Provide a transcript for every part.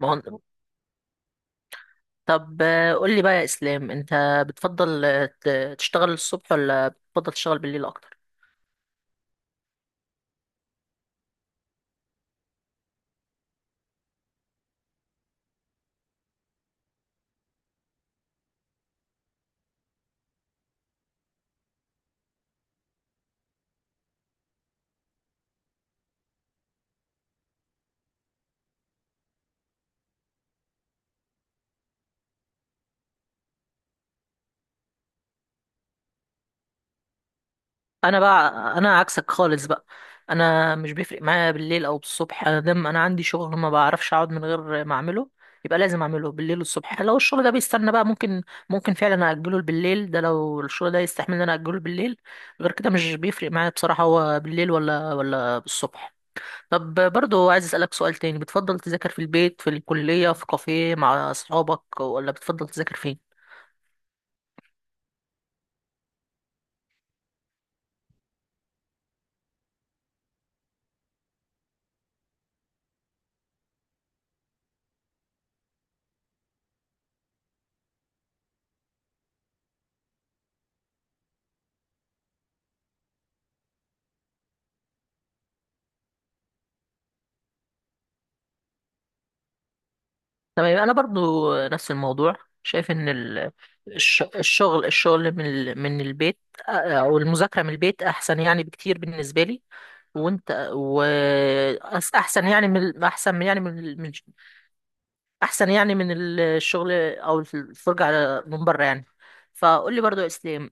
ما هو، طب قول لي بقى يا اسلام، انت بتفضل تشتغل الصبح ولا بتفضل تشتغل بالليل اكتر؟ انا بقى، انا عكسك خالص بقى. انا مش بيفرق معايا بالليل او بالصبح، انا دام انا عندي شغل ما بعرفش اقعد من غير ما اعمله، يبقى لازم اعمله بالليل والصبح. لو الشغل ده بيستنى بقى ممكن فعلا اجله بالليل، ده لو الشغل ده يستحمل ان انا اجله بالليل. غير كده مش بيفرق معايا بصراحة، هو بالليل ولا بالصبح. طب برضو عايز أسألك سؤال تاني، بتفضل تذاكر في البيت، في الكلية، في كافيه مع أصحابك، ولا بتفضل تذاكر فين؟ تمام، أنا برضو نفس الموضوع. شايف إن الشغل من من البيت، أو المذاكرة من البيت أحسن يعني بكتير بالنسبة لي. وأنت و أس- أحسن يعني من أحسن يعني من ال- من أحسن يعني من الشغل أو الفرجة على من بره يعني. فقول لي برضو يا إسلام،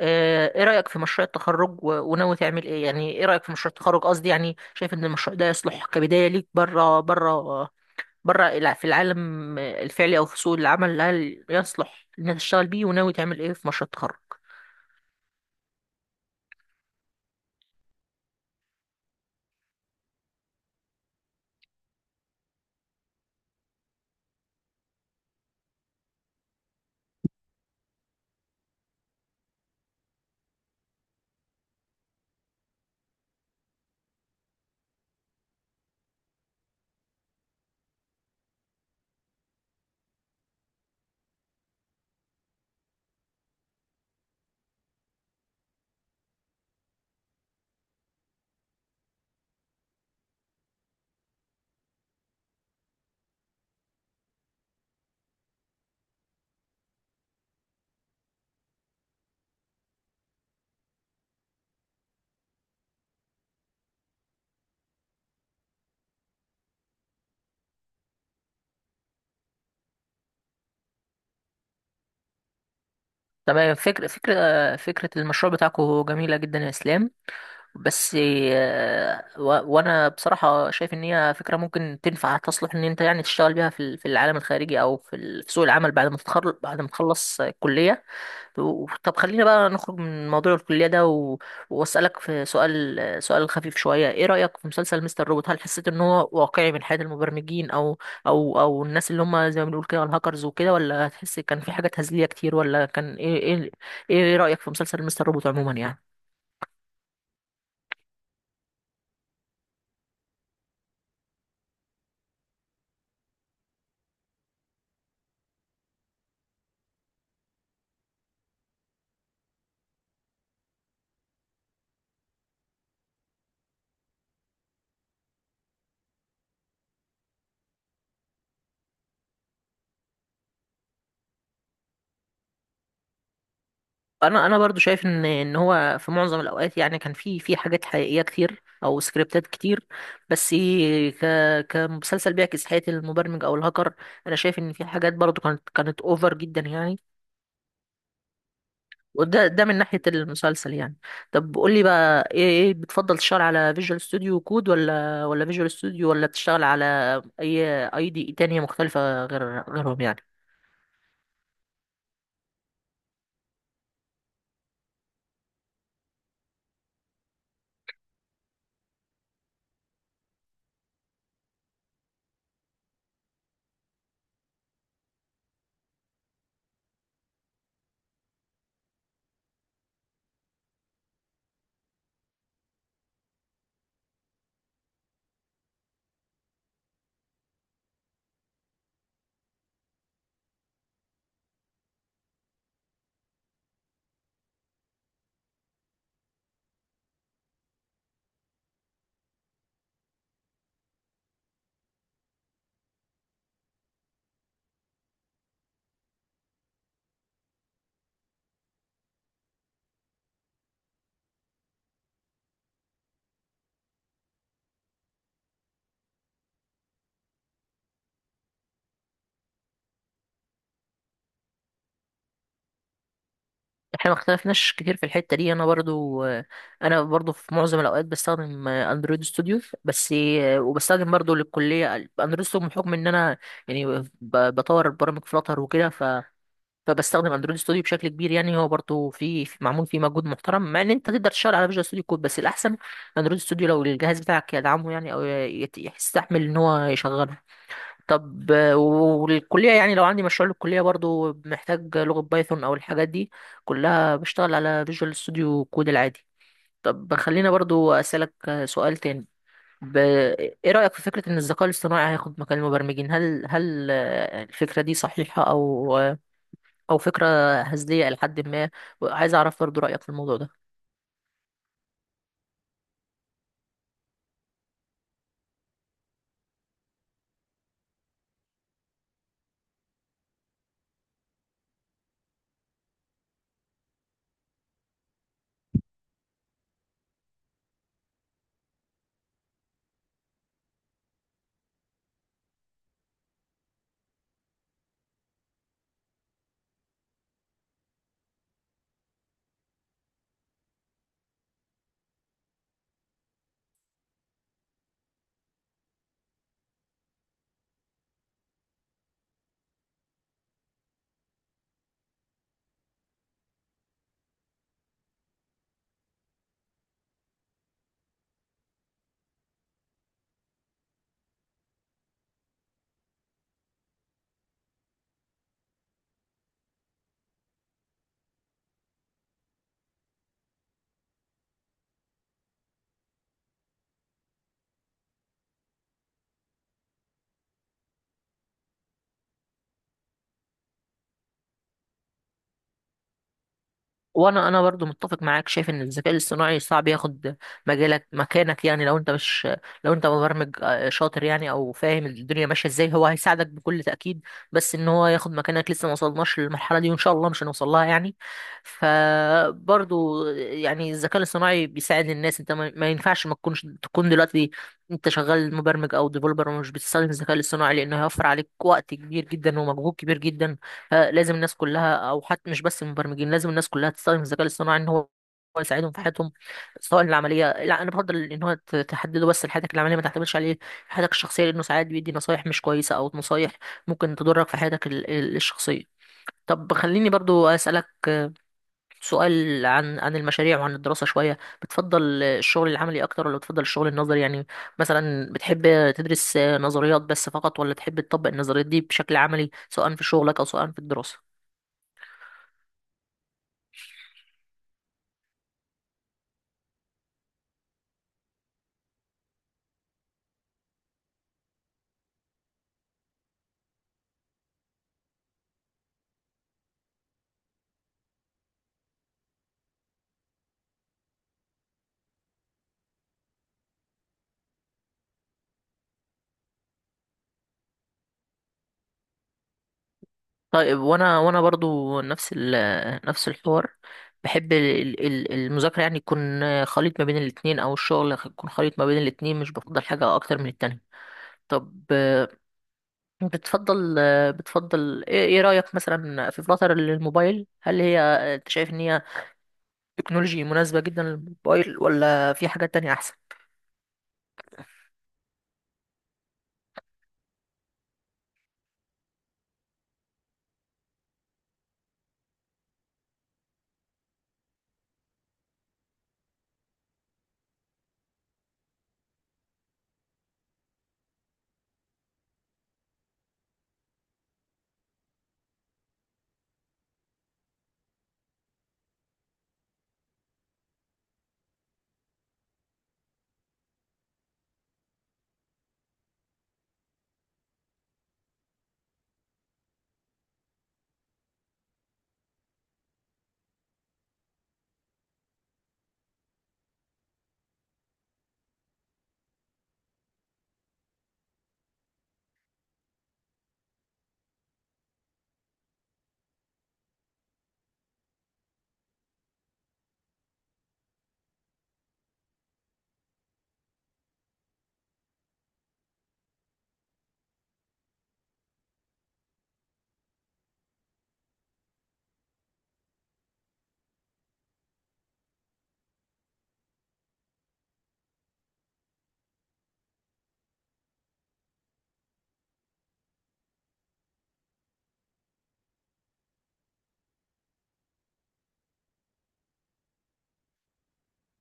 ايه رأيك في مشروع التخرج وناوي تعمل ايه؟ يعني ايه رأيك في مشروع التخرج، قصدي يعني شايف ان المشروع ده يصلح كبداية ليك بره في العالم الفعلي او في سوق العمل، هل يصلح انك تشتغل بيه؟ وناوي تعمل ايه في مشروع التخرج؟ تمام، فكرة المشروع بتاعكم جميلة جدا يا اسلام. بس وانا بصراحة شايف ان هي فكرة ممكن تنفع تصلح ان انت يعني تشتغل بيها في في العالم الخارجي او في في سوق العمل بعد ما تتخرج بعد ما تخلص الكلية. طب خلينا بقى نخرج من موضوع الكلية ده وأسألك في سؤال خفيف شوية. إيه رأيك في مسلسل مستر روبوت؟ هل حسيت إن هو واقعي من حياة المبرمجين، أو الناس اللي هم زي ما بنقول كده الهاكرز وكده، ولا هتحس كان في حاجة تهزلية كتير، ولا كان إيه رأيك في مسلسل مستر روبوت عموما يعني؟ انا برضو شايف ان هو في معظم الاوقات يعني كان في حاجات حقيقيه كتير او سكريبتات كتير، بس ك كمسلسل بيعكس حياه المبرمج او الهاكر انا شايف ان في حاجات برضو كانت اوفر جدا يعني. ده من ناحيه المسلسل يعني. طب قول لي بقى ايه، بتفضل تشتغل على فيجوال ستوديو كود ولا فيجوال ستوديو، ولا بتشتغل على اي دي تانية مختلفه غيرهم يعني؟ احنا ما اختلفناش كتير في الحتة دي، انا برضو في معظم الاوقات بستخدم اندرويد ستوديو بس، وبستخدم برضو للكلية اندرويد ستوديو بحكم ان انا يعني بطور برامج فلاتر وكده، فبستخدم اندرويد ستوديو بشكل كبير. يعني هو برضو في معمول فيه مجهود محترم، مع ان انت تقدر تشتغل على فيجوال ستوديو كود بس الاحسن اندرويد ستوديو لو الجهاز بتاعك يدعمه يعني، او يستحمل ان هو يشغله. طب والكلية يعني لو عندي مشروع للكلية برضو محتاج لغة بايثون أو الحاجات دي كلها بشتغل على فيجوال ستوديو كود العادي. طب خلينا برضو أسألك سؤال تاني، ب... إيه رأيك في فكرة إن الذكاء الاصطناعي هياخد مكان المبرمجين؟ هل الفكرة دي صحيحة، أو أو فكرة هزلية إلى حد ما؟ عايز أعرف برضو رأيك في الموضوع ده. انا برضو متفق معاك، شايف ان الذكاء الاصطناعي صعب ياخد مكانك يعني. لو انت مش، لو انت مبرمج شاطر يعني او فاهم الدنيا ماشيه ازاي هو هيساعدك بكل تاكيد، بس ان هو ياخد مكانك لسه ما وصلناش للمرحله دي، وان شاء الله مش هنوصل لها يعني. فبرضو يعني الذكاء الاصطناعي بيساعد الناس، انت ما ينفعش ما تكونش تكون دلوقتي انت شغال مبرمج او ديفلوبر ومش بتستخدم الذكاء الاصطناعي لانه هيوفر عليك وقت كبير جدا ومجهود كبير جدا. فلازم الناس كلها، او حتى مش بس المبرمجين، لازم الناس كلها تستخدم الذكاء الاصطناعي ان هو يساعدهم في حياتهم سواء العمليه. لا، انا بفضل ان هو تحدده بس لحياتك العمليه، ما تعتمدش عليه في حياتك الشخصيه لانه ساعات بيدي نصايح مش كويسه او نصايح ممكن تضرك في حياتك الشخصيه. طب خليني برضو اسالك سؤال عن المشاريع وعن الدراسه شويه، بتفضل الشغل العملي اكتر ولا بتفضل الشغل النظري يعني؟ مثلا بتحب تدرس نظريات بس فقط، ولا تحب تطبق النظريات دي بشكل عملي سواء في شغلك او سواء في الدراسه؟ طيب وانا برضو نفس نفس الحوار، بحب المذاكرة يعني يكون خليط ما بين الاتنين او الشغل يكون خليط ما بين الاتنين، مش بفضل حاجة اكتر من التانية. طب بتفضل آه، بتفضل ايه إيه رأيك مثلا في فلاتر للموبايل، هل هي آه، انت شايف ان هي تكنولوجي مناسبة جدا للموبايل ولا في حاجات تانية احسن؟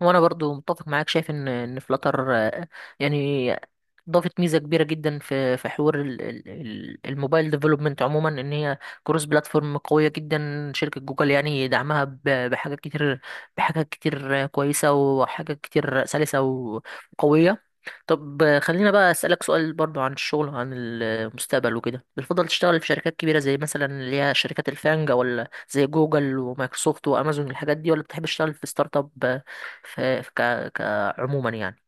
وانا برضو متفق معاك، شايف ان فلاتر يعني ضافت ميزه كبيره جدا في حوار الموبايل ديفلوبمنت عموما، ان هي كروس بلاتفورم قويه جدا. شركه جوجل يعني دعمها بحاجات كتير كويسه، وحاجات كتير سلسه وقويه. طب خلينا بقى اسالك سؤال برضو عن الشغل عن المستقبل وكده، بتفضل تشتغل في شركات كبيره زي مثلا اللي هي شركات الفانجا، ولا زي جوجل ومايكروسوفت وامازون الحاجات دي، ولا بتحب تشتغل في ستارت اب في كعموما يعني؟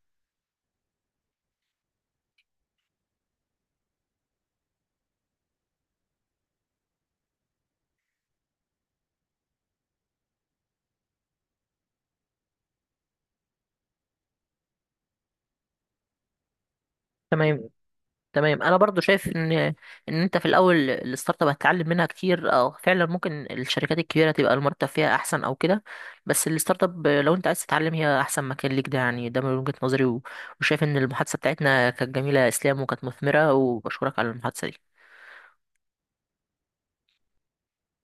تمام. تمام، انا برضو شايف ان انت في الاول الستارت اب هتتعلم منها كتير، او فعلا ممكن الشركات الكبيره تبقى المرتب فيها احسن او كده، بس الستارت اب لو انت عايز تتعلم هي احسن مكان ليك ده يعني، ده من وجهه نظري وشايف ان المحادثه بتاعتنا كانت جميله يا اسلام وكانت مثمره، وبشكرك على المحادثه دي.